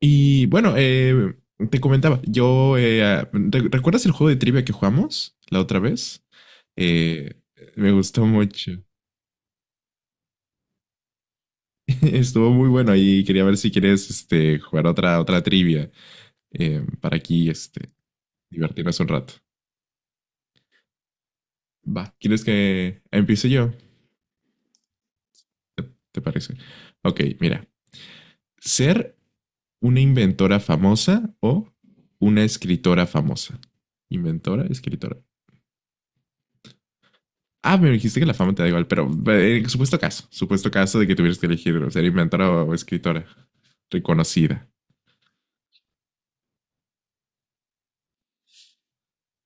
Y bueno, te comentaba, yo, ¿recuerdas el juego de trivia que jugamos la otra vez? Eh, Me gustó mucho. Estuvo muy bueno y quería ver si quieres este, jugar otra trivia para aquí este, divertirnos un rato. Va, ¿quieres que empiece yo? ¿Te parece? Ok, mira, ser una inventora famosa o una escritora famosa. Inventora, escritora. Ah, me dijiste que la fama te da igual, pero en supuesto caso de que tuvieras que elegir ser inventora o escritora reconocida.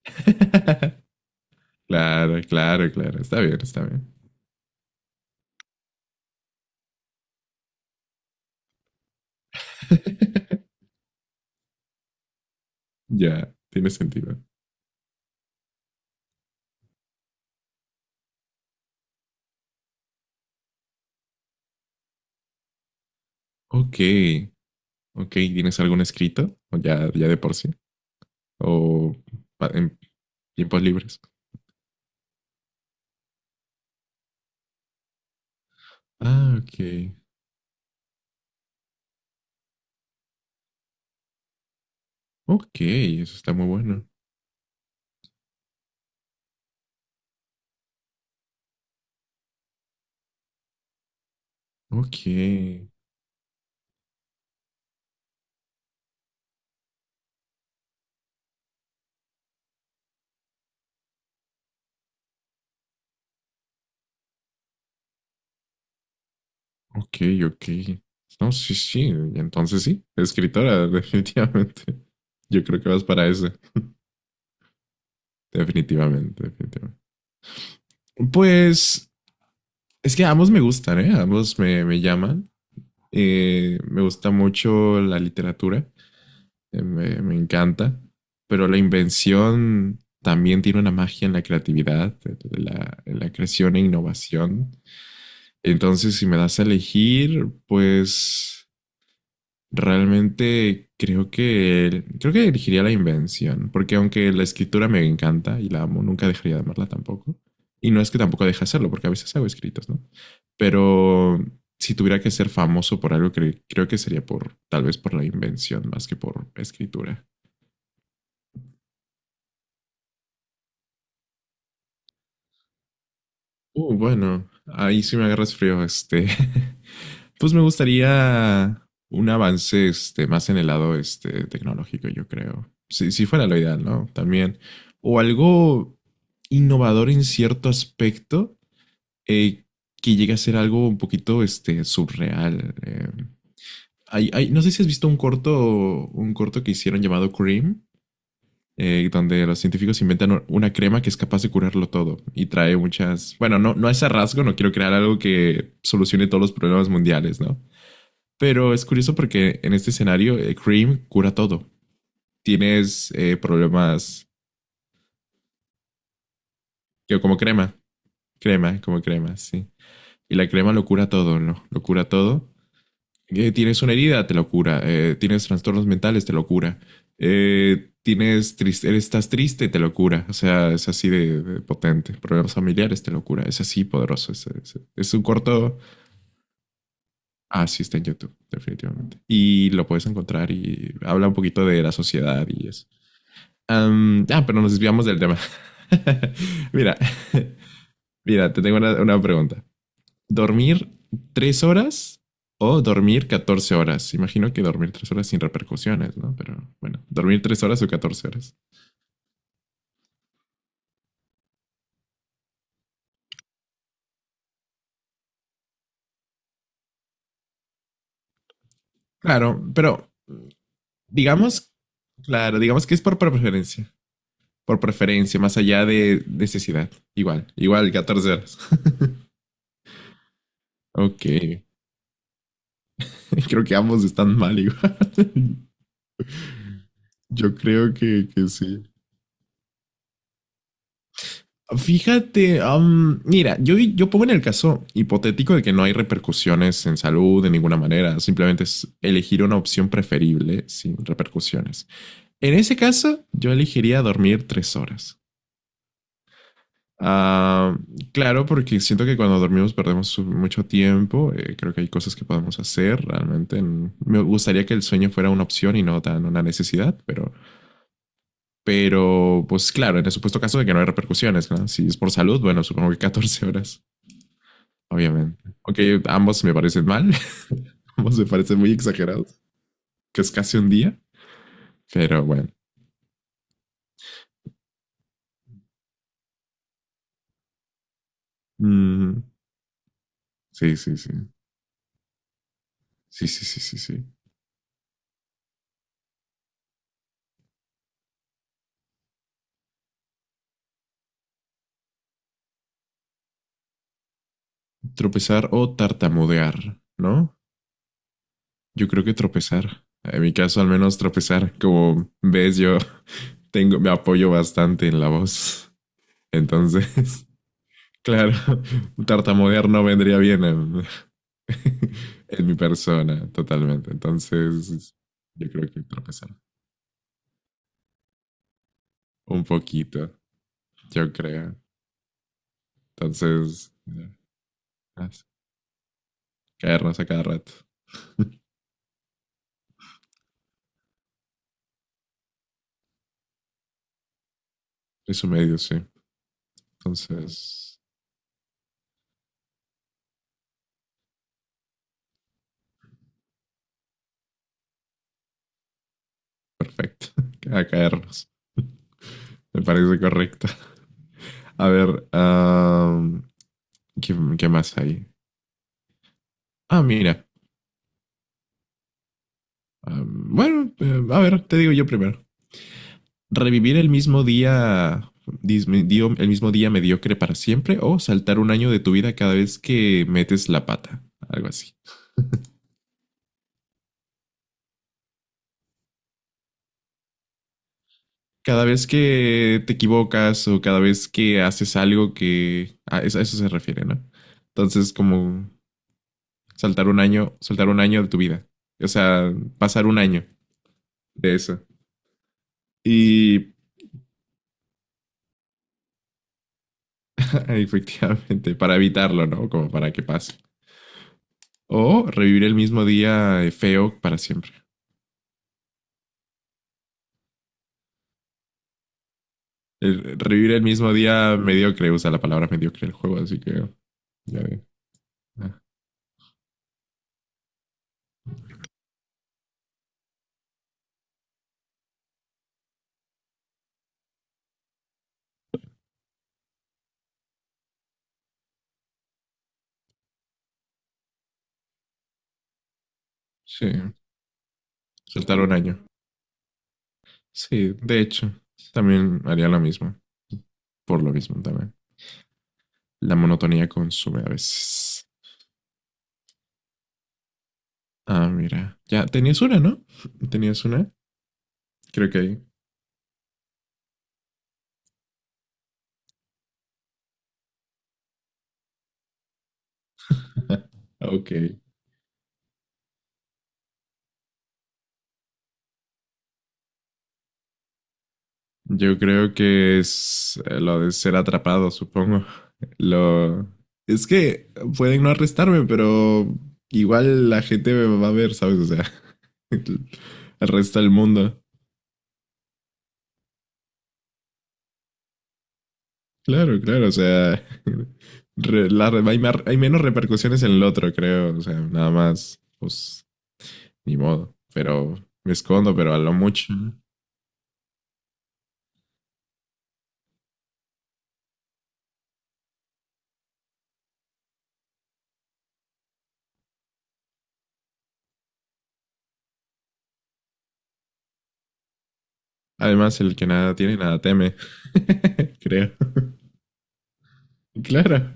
Claro, claro, claro. Está bien, está bien. Ya, tiene sentido. Ok, ok. ¿Tienes algún escrito? ¿O ya, ya de por sí? ¿O en tiempos libres? Ah, ok. Ok, eso está muy bueno. Ok. Ok, ok. No, sí, sí. Entonces sí, escritora, definitivamente. Yo creo que vas para eso. Definitivamente, definitivamente. Pues es que ambos me gustan, ¿eh? Ambos me llaman. Me gusta mucho la literatura. Me encanta. Pero la invención también tiene una magia en la creatividad, en en la creación e innovación. Entonces, si me das a elegir, pues realmente creo que elegiría la invención, porque aunque la escritura me encanta y la amo, nunca dejaría de amarla tampoco. Y no es que tampoco deje de hacerlo, porque a veces hago escritos, ¿no? Pero si tuviera que ser famoso por algo, creo que sería por tal vez por la invención más que por escritura. Bueno, ahí sí me agarras frío, este. Pues me gustaría un avance este, más en el lado este, tecnológico, yo creo. Si fuera lo ideal, ¿no? También. O algo innovador en cierto aspecto eh, que llegue a ser algo un poquito este, surreal. No sé si has visto un corto que hicieron llamado Cream, donde los científicos inventan una crema que es capaz de curarlo todo y trae muchas. Bueno, no, no es a rasgo, no quiero crear algo que solucione todos los problemas mundiales, ¿no? Pero es curioso porque en este escenario Cream cura todo. Tienes problemas que como crema, como crema, sí. Y la crema lo cura todo, ¿no? Lo cura todo. Tienes una herida, te lo cura. Tienes trastornos mentales, te lo cura. Tienes triste, estás triste, te lo cura. O sea, es así de potente. Problemas familiares, te lo cura. Es así poderoso. Es un corto. Ah, sí, está en YouTube, definitivamente. Y lo puedes encontrar y habla un poquito de la sociedad y eso. Pero nos desviamos del tema. Mira, mira, te tengo una pregunta. ¿Dormir tres horas o dormir 14 horas? Imagino que dormir tres horas sin repercusiones, ¿no? Pero bueno, dormir tres horas o 14 horas. Claro, pero digamos, claro, digamos que es por preferencia. Por preferencia, más allá de necesidad. Igual, igual, 14 horas. Ok, creo que ambos están mal igual. Yo creo que sí. Fíjate, mira, yo pongo en el caso hipotético de que no hay repercusiones en salud de ninguna manera, simplemente es elegir una opción preferible sin repercusiones. En ese caso, yo elegiría dormir tres horas. Ah, claro, porque siento que cuando dormimos perdemos mucho tiempo, creo que hay cosas que podemos hacer realmente. Me gustaría que el sueño fuera una opción y no tan una necesidad, pero. Pero, pues claro, en el supuesto caso de que no hay repercusiones, ¿no? Si es por salud, bueno, supongo que 14 horas. Obviamente. Ok, ambos me parecen mal. Ambos me parecen muy exagerados. Que es casi un día. Pero bueno. Mm, sí, sí, sí. Sí, sí, sí, sí, sí. Tropezar o tartamudear, ¿no? Yo creo que tropezar. En mi caso, al menos tropezar. Como ves, yo tengo, me apoyo bastante en la voz. Entonces, claro, tartamudear no vendría bien en, en mi persona, totalmente. Entonces, yo creo que tropezar. Un poquito, yo creo. Entonces, as- caernos a cada rato. Es un medio, sí. Entonces, perfecto. A caernos. Me parece correcto. A ver, am, qué más hay? Ah, mira. Am, bueno, a ver, te digo yo primero. ¿Revivir el mismo día, el mismo día mediocre para siempre o saltar un año de tu vida cada vez que metes la pata? Algo así. Cada vez que te equivocas o cada vez que haces algo que a eso se refiere, ¿no? Entonces, como saltar un año de tu vida. O sea, pasar un año de eso. Y efectivamente, para evitarlo, ¿no? Como para que pase. O revivir el mismo día feo para siempre. Revivir el mismo día mediocre, usa la palabra mediocre el juego, así que. ya de- ah, sí, saltar un año. Sí, de hecho, también haría lo mismo. Por lo mismo también. La monotonía consume a veces. Ah, mira. Ya, tenías una, ¿no? ¿Tenías una? Creo que ahí. Ok. Yo creo que es lo de ser atrapado, supongo. Lo. Es que pueden no arrestarme, pero igual la gente me va a ver, ¿sabes? O sea, el resto del mundo. Claro, claro, o sea, hay menos repercusiones en el otro, creo. O sea, nada más, pues ni modo, pero me escondo, pero a lo mucho. ¿No? Además, el que nada tiene, nada teme, creo. Claro.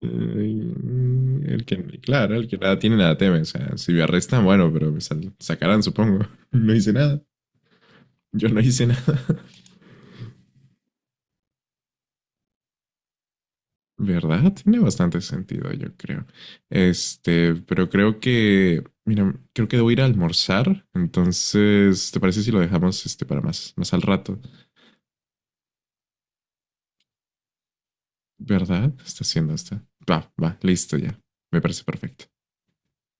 Eh, el que, claro, el que nada tiene, nada teme. O sea, si me arrestan, bueno, pero me sacarán, supongo. No hice nada. Yo no hice nada. ¿Verdad? Tiene bastante sentido, yo creo. Este, pero creo que, mira, creo que debo ir a almorzar. Entonces, ¿te parece si lo dejamos este para más, más al rato? ¿Verdad? Está haciendo esto. Va, va, listo ya. Me parece perfecto.